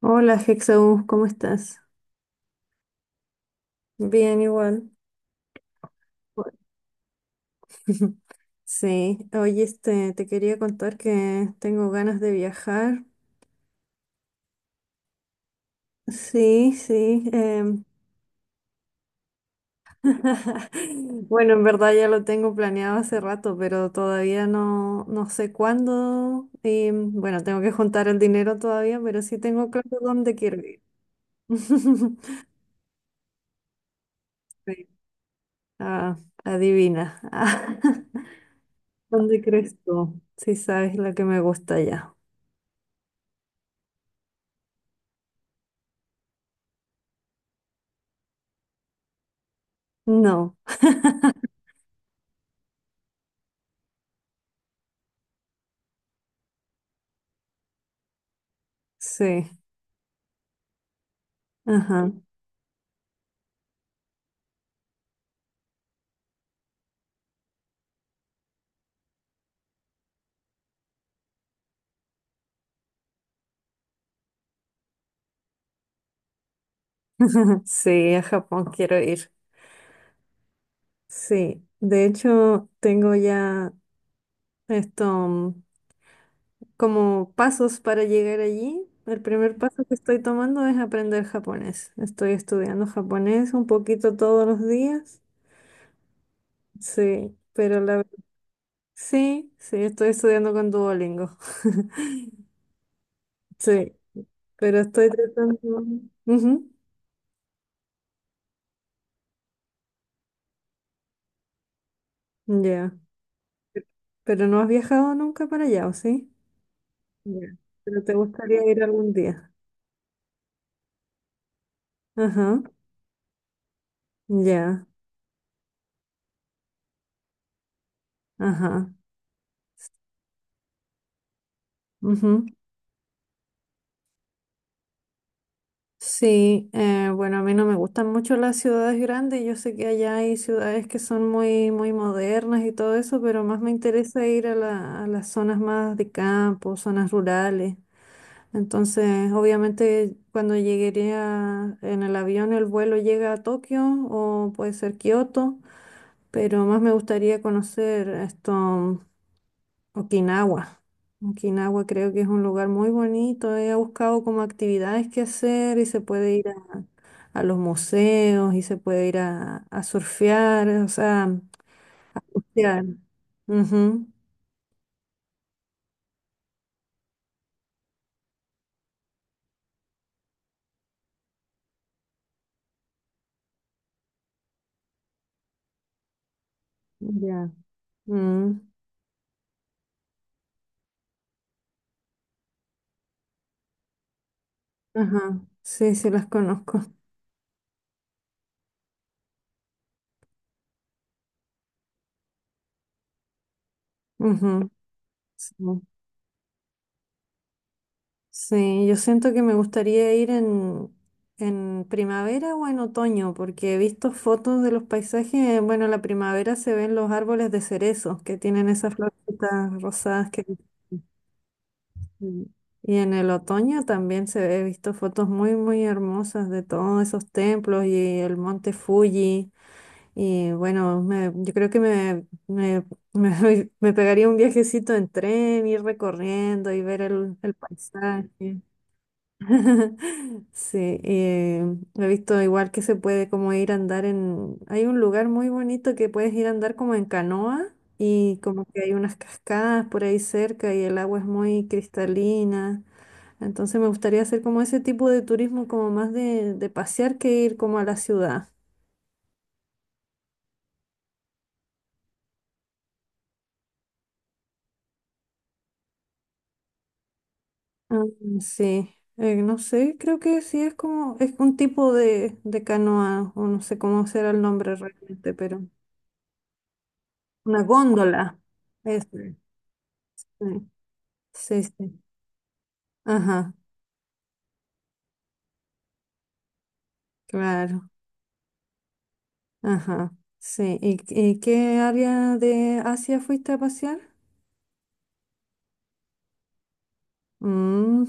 Hola, Hexaú, ¿cómo estás? Bien, igual. Bueno. Sí, oye, te quería contar que tengo ganas de viajar. Sí, sí. Bueno, en verdad ya lo tengo planeado hace rato, pero todavía no, sé cuándo. Y bueno, tengo que juntar el dinero todavía, pero sí tengo claro dónde quiero ir. Sí. Ah, adivina. ¿Dónde crees tú? Si sabes lo que me gusta ya. No. Sí, ajá, sí, a Japón quiero ir. Sí, de hecho tengo ya esto mm, como pasos para llegar allí. El primer paso que estoy tomando es aprender japonés. Estoy estudiando japonés un poquito todos los días. Sí, pero la verdad, sí, sí, estoy estudiando con Duolingo. Sí, pero estoy tratando. Ujú. Ya. Pero no has viajado nunca para allá, ¿o sí? Ya. Pero te gustaría ir algún día. Ajá, ya, ajá, ujú. Sí, bueno, a mí no me gustan mucho las ciudades grandes. Yo sé que allá hay ciudades que son muy, muy modernas y todo eso, pero más me interesa ir a a las zonas más de campo, zonas rurales. Entonces, obviamente, cuando llegué en el avión, el vuelo llega a Tokio o puede ser Kioto, pero más me gustaría conocer esto. Okinawa. Okinawa creo que es un lugar muy bonito. He buscado como actividades que hacer y se puede ir a los museos y se puede ir a surfear. O sea, ya. Ujú. Ya. Mm, Ajá. Sí, sí las conozco. Ujú, sí. Sí, yo siento que me gustaría ir en primavera o en otoño, porque he visto fotos de los paisajes. Bueno, en la primavera se ven los árboles de cerezos que tienen esas florcitas rosadas que... Mm. Y en el otoño también se he visto fotos muy, muy hermosas de todos esos templos y el monte Fuji. Y bueno, yo creo que me pegaría un viajecito en tren, ir recorriendo y ver el paisaje. Sí, he visto igual que se puede como ir a andar en... Hay un lugar muy bonito que puedes ir a andar como en canoa y como que hay unas cascadas por ahí cerca y el agua es muy cristalina. Entonces me gustaría hacer como ese tipo de turismo como más de pasear que ir como a la ciudad. Ah, sí, no sé, creo que sí es como... Es un tipo de canoa o no sé cómo será el nombre realmente, pero una góndola. Eso, sí. Sí, sí. Ajá, claro. Ajá, sí. Y qué área de Asia fuiste a pasear? Mm,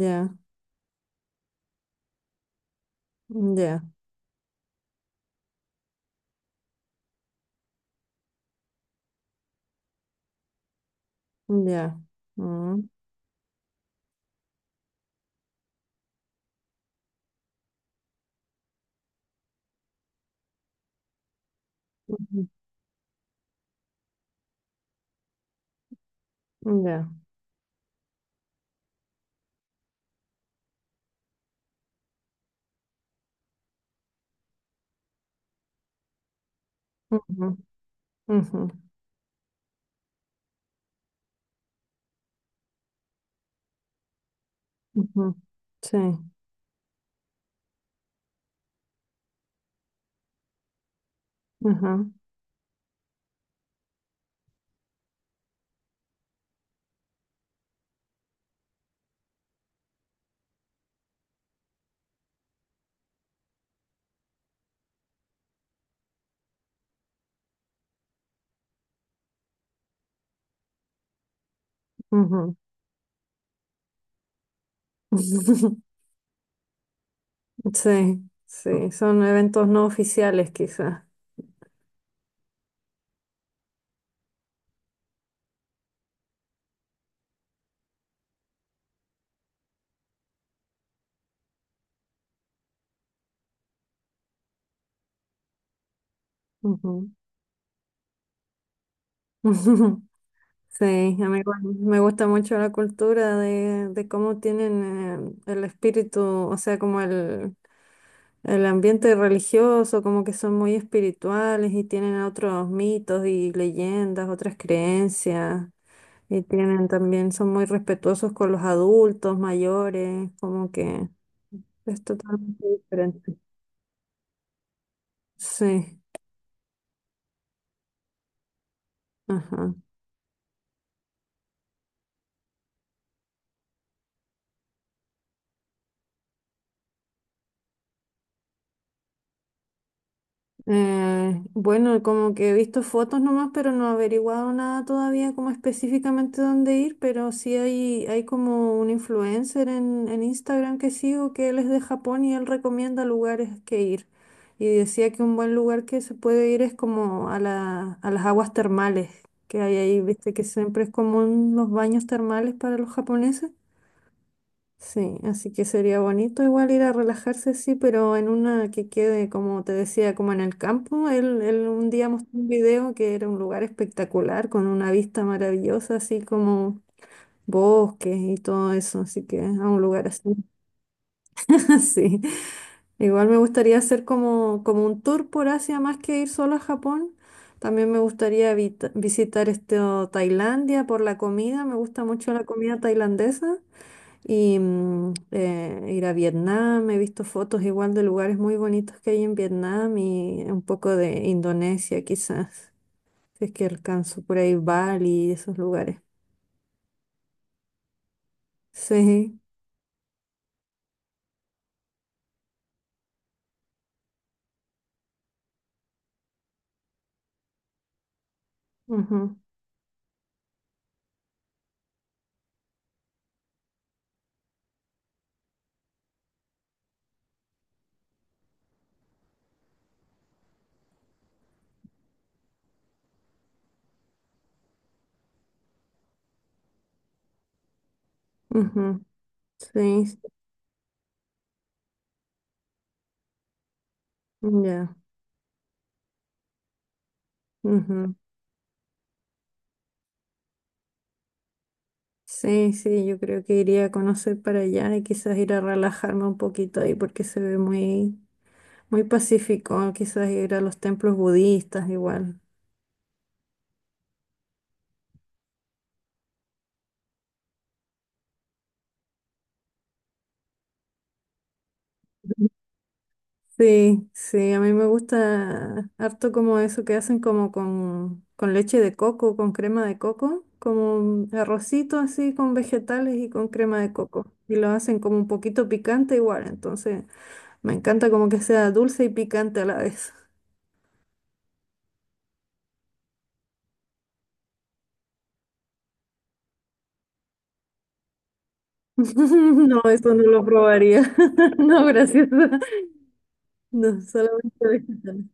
ya, ya, ya. Mm, ujú, ya. Ujú, ujú, ujú. Sí, ajá, ujú. Sí, sí. Son eventos no oficiales, quizás. Ujú. Sí, a mí igual me gusta mucho la cultura de cómo tienen el espíritu, o sea, como el ambiente religioso, como que son muy espirituales y tienen otros mitos y leyendas, otras creencias, y tienen también, son muy respetuosos con los adultos, mayores, como que es totalmente diferente. Sí, ajá. Bueno, como que he visto fotos nomás, pero no he averiguado nada todavía como específicamente dónde ir, pero sí hay como un influencer en Instagram que sigo que él es de Japón y él recomienda lugares que ir. Y decía que un buen lugar que se puede ir es como a la, a las aguas termales que hay ahí, viste que siempre es común los baños termales para los japoneses. Sí, así que sería bonito igual ir a relajarse, sí, pero en una que quede, como te decía, como en el campo. Él un día mostró un video que era un lugar espectacular, con una vista maravillosa, así como bosques y todo eso, así que a un lugar así. Sí, igual me gustaría hacer como, como un tour por Asia, más que ir solo a Japón. También me gustaría visitar este, o Tailandia por la comida, me gusta mucho la comida tailandesa. Y ir a Vietnam, he visto fotos igual de lugares muy bonitos que hay en Vietnam y un poco de Indonesia quizás, si es que alcanzo por ahí Bali y esos lugares. Sí, ujú, ujú, sí, sí, ya, ujú. Sí, sí, yo creo que iría a conocer para allá y quizás ir a relajarme un poquito ahí porque se ve muy, muy pacífico, quizás ir a los templos budistas igual. Sí, sí, a mí me gusta harto como eso que hacen como con leche de coco, con crema de coco, como un arrocito así con vegetales y con crema de coco. Y lo hacen como un poquito picante igual, entonces me encanta como que sea dulce y picante a la vez. No, eso no lo probaría. No, gracias. No, solamente vegetales.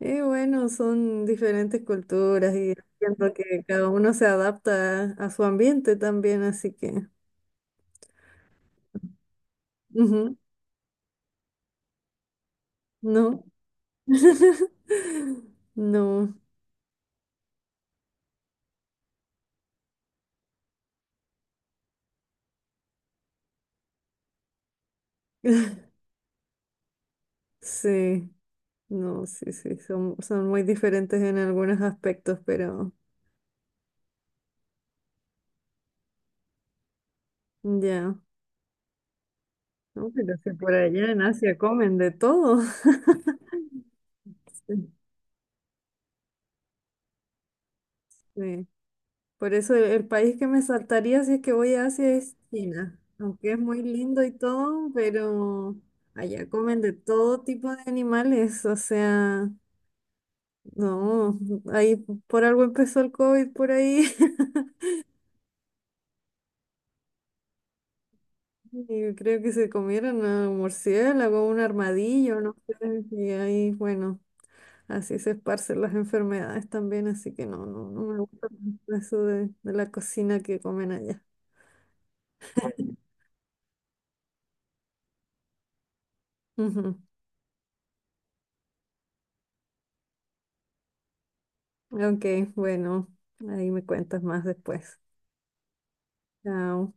Y bueno, son diferentes culturas y siento que cada uno se adapta a su ambiente también, así que... Ujú, no. No. Sí. No, sí, sí. Son, son muy diferentes en algunos aspectos, pero ya. No, pero si por allá en Asia comen de todo. Sí, sí. Por eso el país que me saltaría si es que voy a Asia es China. Aunque es muy lindo y todo, pero allá comen de todo tipo de animales. O sea, no. Ahí por algo empezó el COVID por ahí. Y creo que se comieron a un murciélago, un armadillo, no sé. Y ahí, bueno, así se esparcen las enfermedades también, así que no, no, no me gusta mucho eso de la cocina que comen allá. Ujú. Ok, bueno, ahí me cuentas más después. Chao.